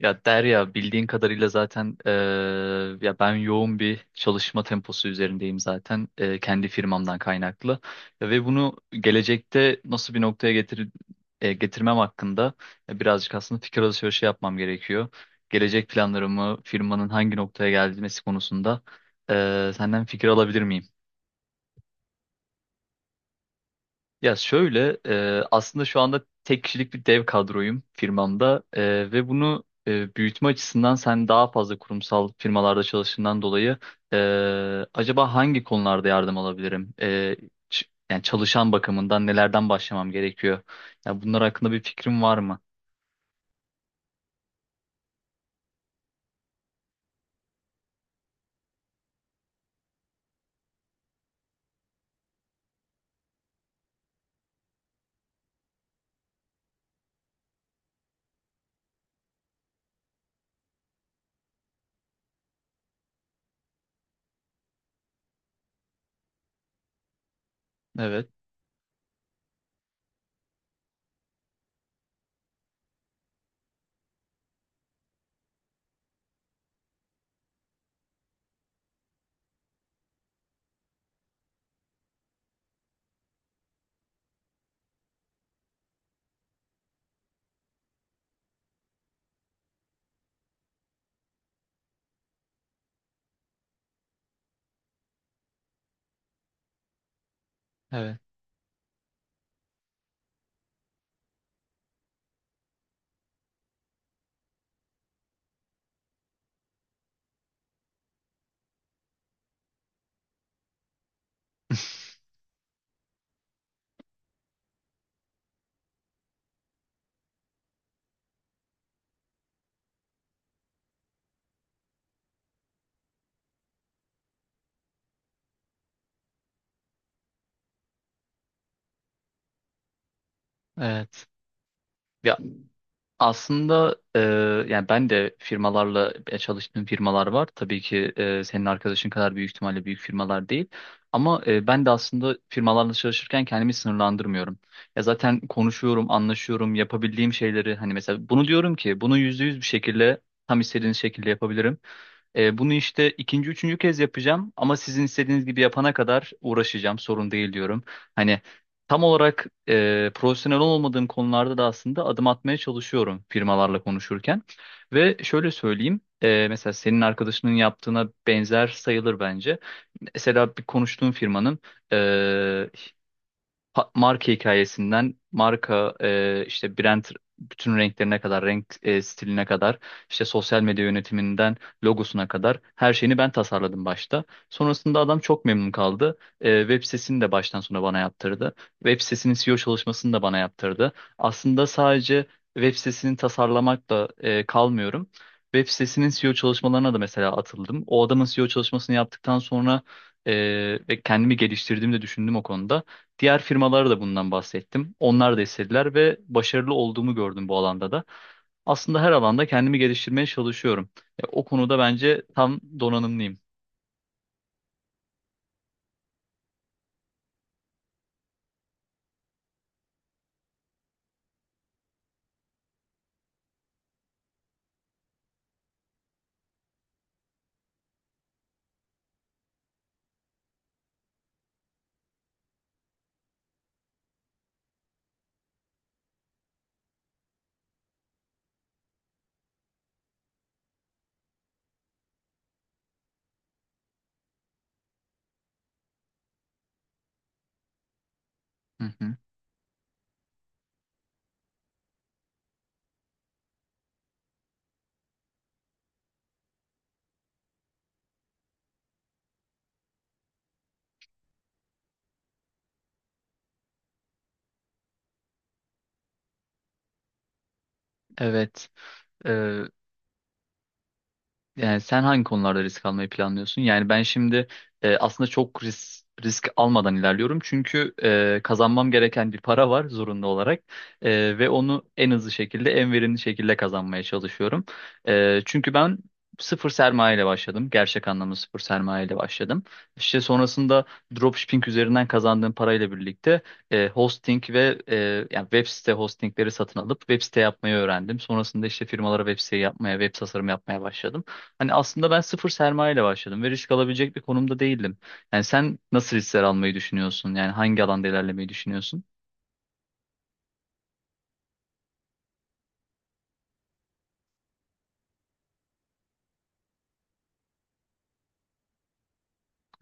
Ya Derya bildiğin kadarıyla zaten ya ben yoğun bir çalışma temposu üzerindeyim zaten, kendi firmamdan kaynaklı ve bunu gelecekte nasıl bir noktaya getirmem hakkında birazcık aslında fikir alışverişi yapmam gerekiyor. Gelecek planlarımı, firmanın hangi noktaya gelmesi konusunda senden fikir alabilir miyim? Ya şöyle, aslında şu anda tek kişilik bir dev kadroyum firmamda, ve bunu büyütme açısından, sen daha fazla kurumsal firmalarda çalıştığından dolayı e, acaba hangi konularda yardım alabilirim? Ç- yani çalışan bakımından nelerden başlamam gerekiyor? Ya bunlar hakkında bir fikrim var mı? Evet, evet, evet. Ya aslında, yani ben de firmalarla, çalıştığım firmalar var. Tabii ki senin arkadaşın kadar büyük ihtimalle büyük firmalar değil. Ama ben de aslında firmalarla çalışırken kendimi sınırlandırmıyorum. Ya zaten konuşuyorum, anlaşıyorum, yapabildiğim şeyleri, hani mesela bunu diyorum ki, bunu yüzde yüz bir şekilde tam istediğiniz şekilde yapabilirim. Bunu işte ikinci, üçüncü kez yapacağım ama sizin istediğiniz gibi yapana kadar uğraşacağım, sorun değil diyorum. Hani tam olarak profesyonel olmadığım konularda da aslında adım atmaya çalışıyorum firmalarla konuşurken. Ve şöyle söyleyeyim, mesela senin arkadaşının yaptığına benzer sayılır bence. Mesela bir konuştuğum firmanın marka hikayesinden, marka işte brand, bütün renklerine kadar, renk stiline kadar, işte sosyal medya yönetiminden logosuna kadar her şeyini ben tasarladım başta. Sonrasında adam çok memnun kaldı. Web sitesini de baştan sona bana yaptırdı. Web sitesinin SEO çalışmasını da bana yaptırdı. Aslında sadece web sitesini tasarlamakla kalmıyorum. Web sitesinin SEO çalışmalarına da mesela atıldım. O adamın SEO çalışmasını yaptıktan sonra e, ve kendimi geliştirdiğimi de düşündüm o konuda. Diğer firmalara da bundan bahsettim. Onlar da istediler ve başarılı olduğumu gördüm bu alanda da. Aslında her alanda kendimi geliştirmeye çalışıyorum. O konuda bence tam donanımlıyım. Hı hı. Evet. Yani sen hangi konularda risk almayı planlıyorsun? Yani ben şimdi aslında çok risk almadan ilerliyorum. Çünkü kazanmam gereken bir para var zorunlu olarak. Ve onu en hızlı şekilde, en verimli şekilde kazanmaya çalışıyorum. Çünkü ben sıfır sermaye ile başladım. Gerçek anlamda sıfır sermaye ile başladım. İşte sonrasında dropshipping üzerinden kazandığım parayla birlikte hosting ve yani web site hostingleri satın alıp web site yapmayı öğrendim. Sonrasında işte firmalara web site yapmaya, web tasarım yapmaya başladım. Hani aslında ben sıfır sermayeyle başladım ve risk alabilecek bir konumda değildim. Yani sen nasıl riskler almayı düşünüyorsun? Yani hangi alanda ilerlemeyi düşünüyorsun?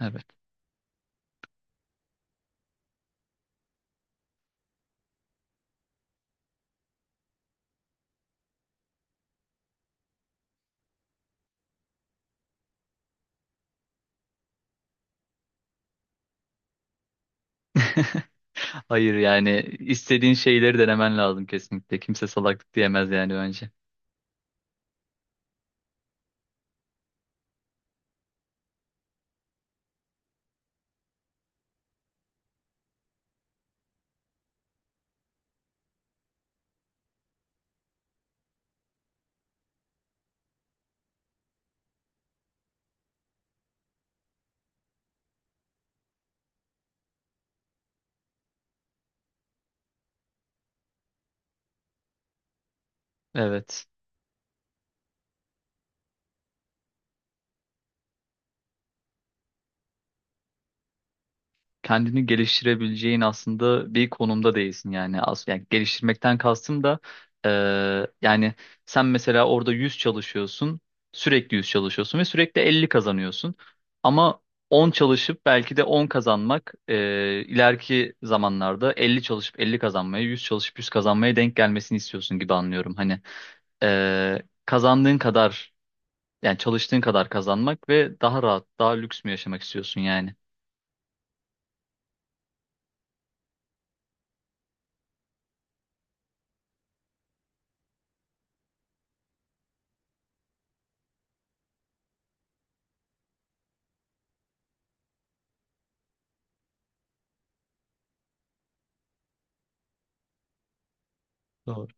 Evet. Hayır, yani istediğin şeyleri denemen lazım kesinlikle. Kimse salaklık diyemez yani bence. Evet. Kendini geliştirebileceğin aslında bir konumda değilsin yani. As yani geliştirmekten kastım da yani sen mesela orada 100 çalışıyorsun, sürekli 100 çalışıyorsun ve sürekli 50 kazanıyorsun. Ama 10 çalışıp belki de 10 kazanmak ileriki zamanlarda 50 çalışıp 50 kazanmaya, 100 çalışıp 100 kazanmaya denk gelmesini istiyorsun gibi anlıyorum. Hani kazandığın kadar, yani çalıştığın kadar kazanmak ve daha rahat, daha lüks mü yaşamak istiyorsun yani? Doğru.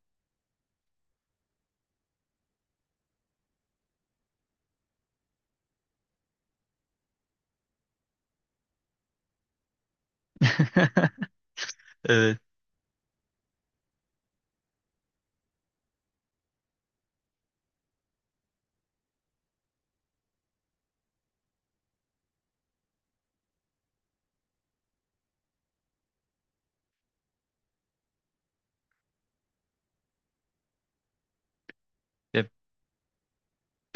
Evet. Ya,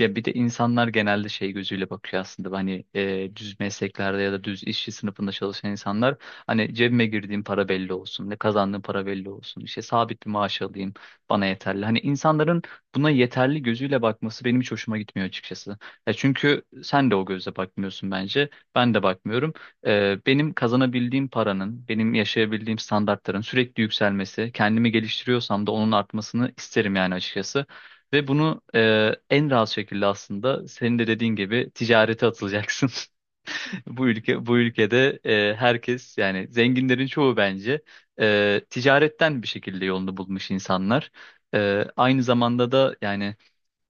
ya bir de insanlar genelde şey gözüyle bakıyor aslında, hani düz mesleklerde ya da düz işçi sınıfında çalışan insanlar, hani cebime girdiğim para belli olsun, ne kazandığım para belli olsun, işte sabit bir maaş alayım bana yeterli. Hani insanların buna yeterli gözüyle bakması benim hiç hoşuma gitmiyor açıkçası. Ya çünkü sen de o gözle bakmıyorsun bence, ben de bakmıyorum. Benim kazanabildiğim paranın, benim yaşayabildiğim standartların sürekli yükselmesi, kendimi geliştiriyorsam da onun artmasını isterim yani açıkçası. Ve bunu, en rahat şekilde, aslında senin de dediğin gibi, ticarete atılacaksın. Bu ülkede herkes, yani zenginlerin çoğu bence ticaretten bir şekilde yolunu bulmuş insanlar. Aynı zamanda da yani,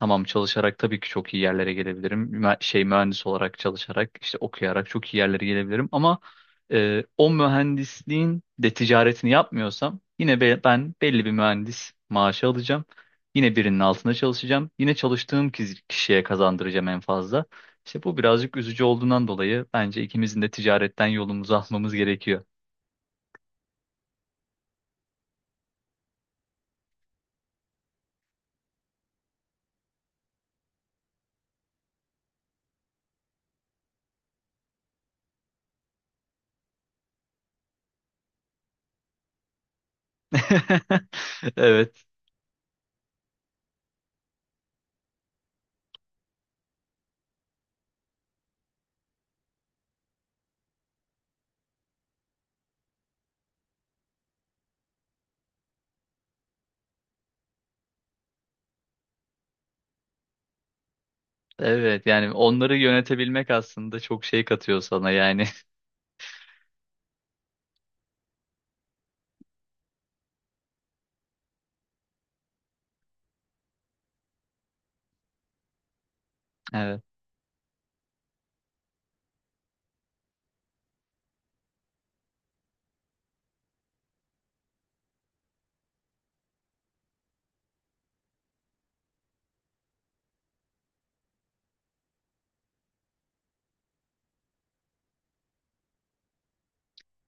tamam, çalışarak tabii ki çok iyi yerlere gelebilirim. Mühendis olarak çalışarak, işte okuyarak çok iyi yerlere gelebilirim ama o mühendisliğin de ticaretini yapmıyorsam, yine ben belli bir mühendis maaşı alacağım. Yine birinin altında çalışacağım. Yine çalıştığım kişiye kazandıracağım en fazla. İşte bu birazcık üzücü olduğundan dolayı, bence ikimizin de ticaretten yolumuzu almamız gerekiyor. Evet. Evet, yani onları yönetebilmek aslında çok şey katıyor sana yani.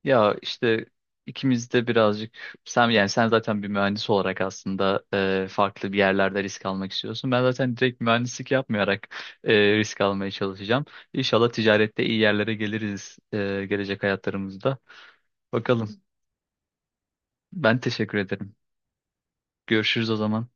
Ya işte, ikimiz de birazcık, sen yani sen zaten bir mühendis olarak aslında farklı bir yerlerde risk almak istiyorsun. Ben zaten direkt mühendislik yapmayarak risk almaya çalışacağım. İnşallah ticarette iyi yerlere geliriz gelecek hayatlarımızda. Bakalım. Ben teşekkür ederim. Görüşürüz o zaman.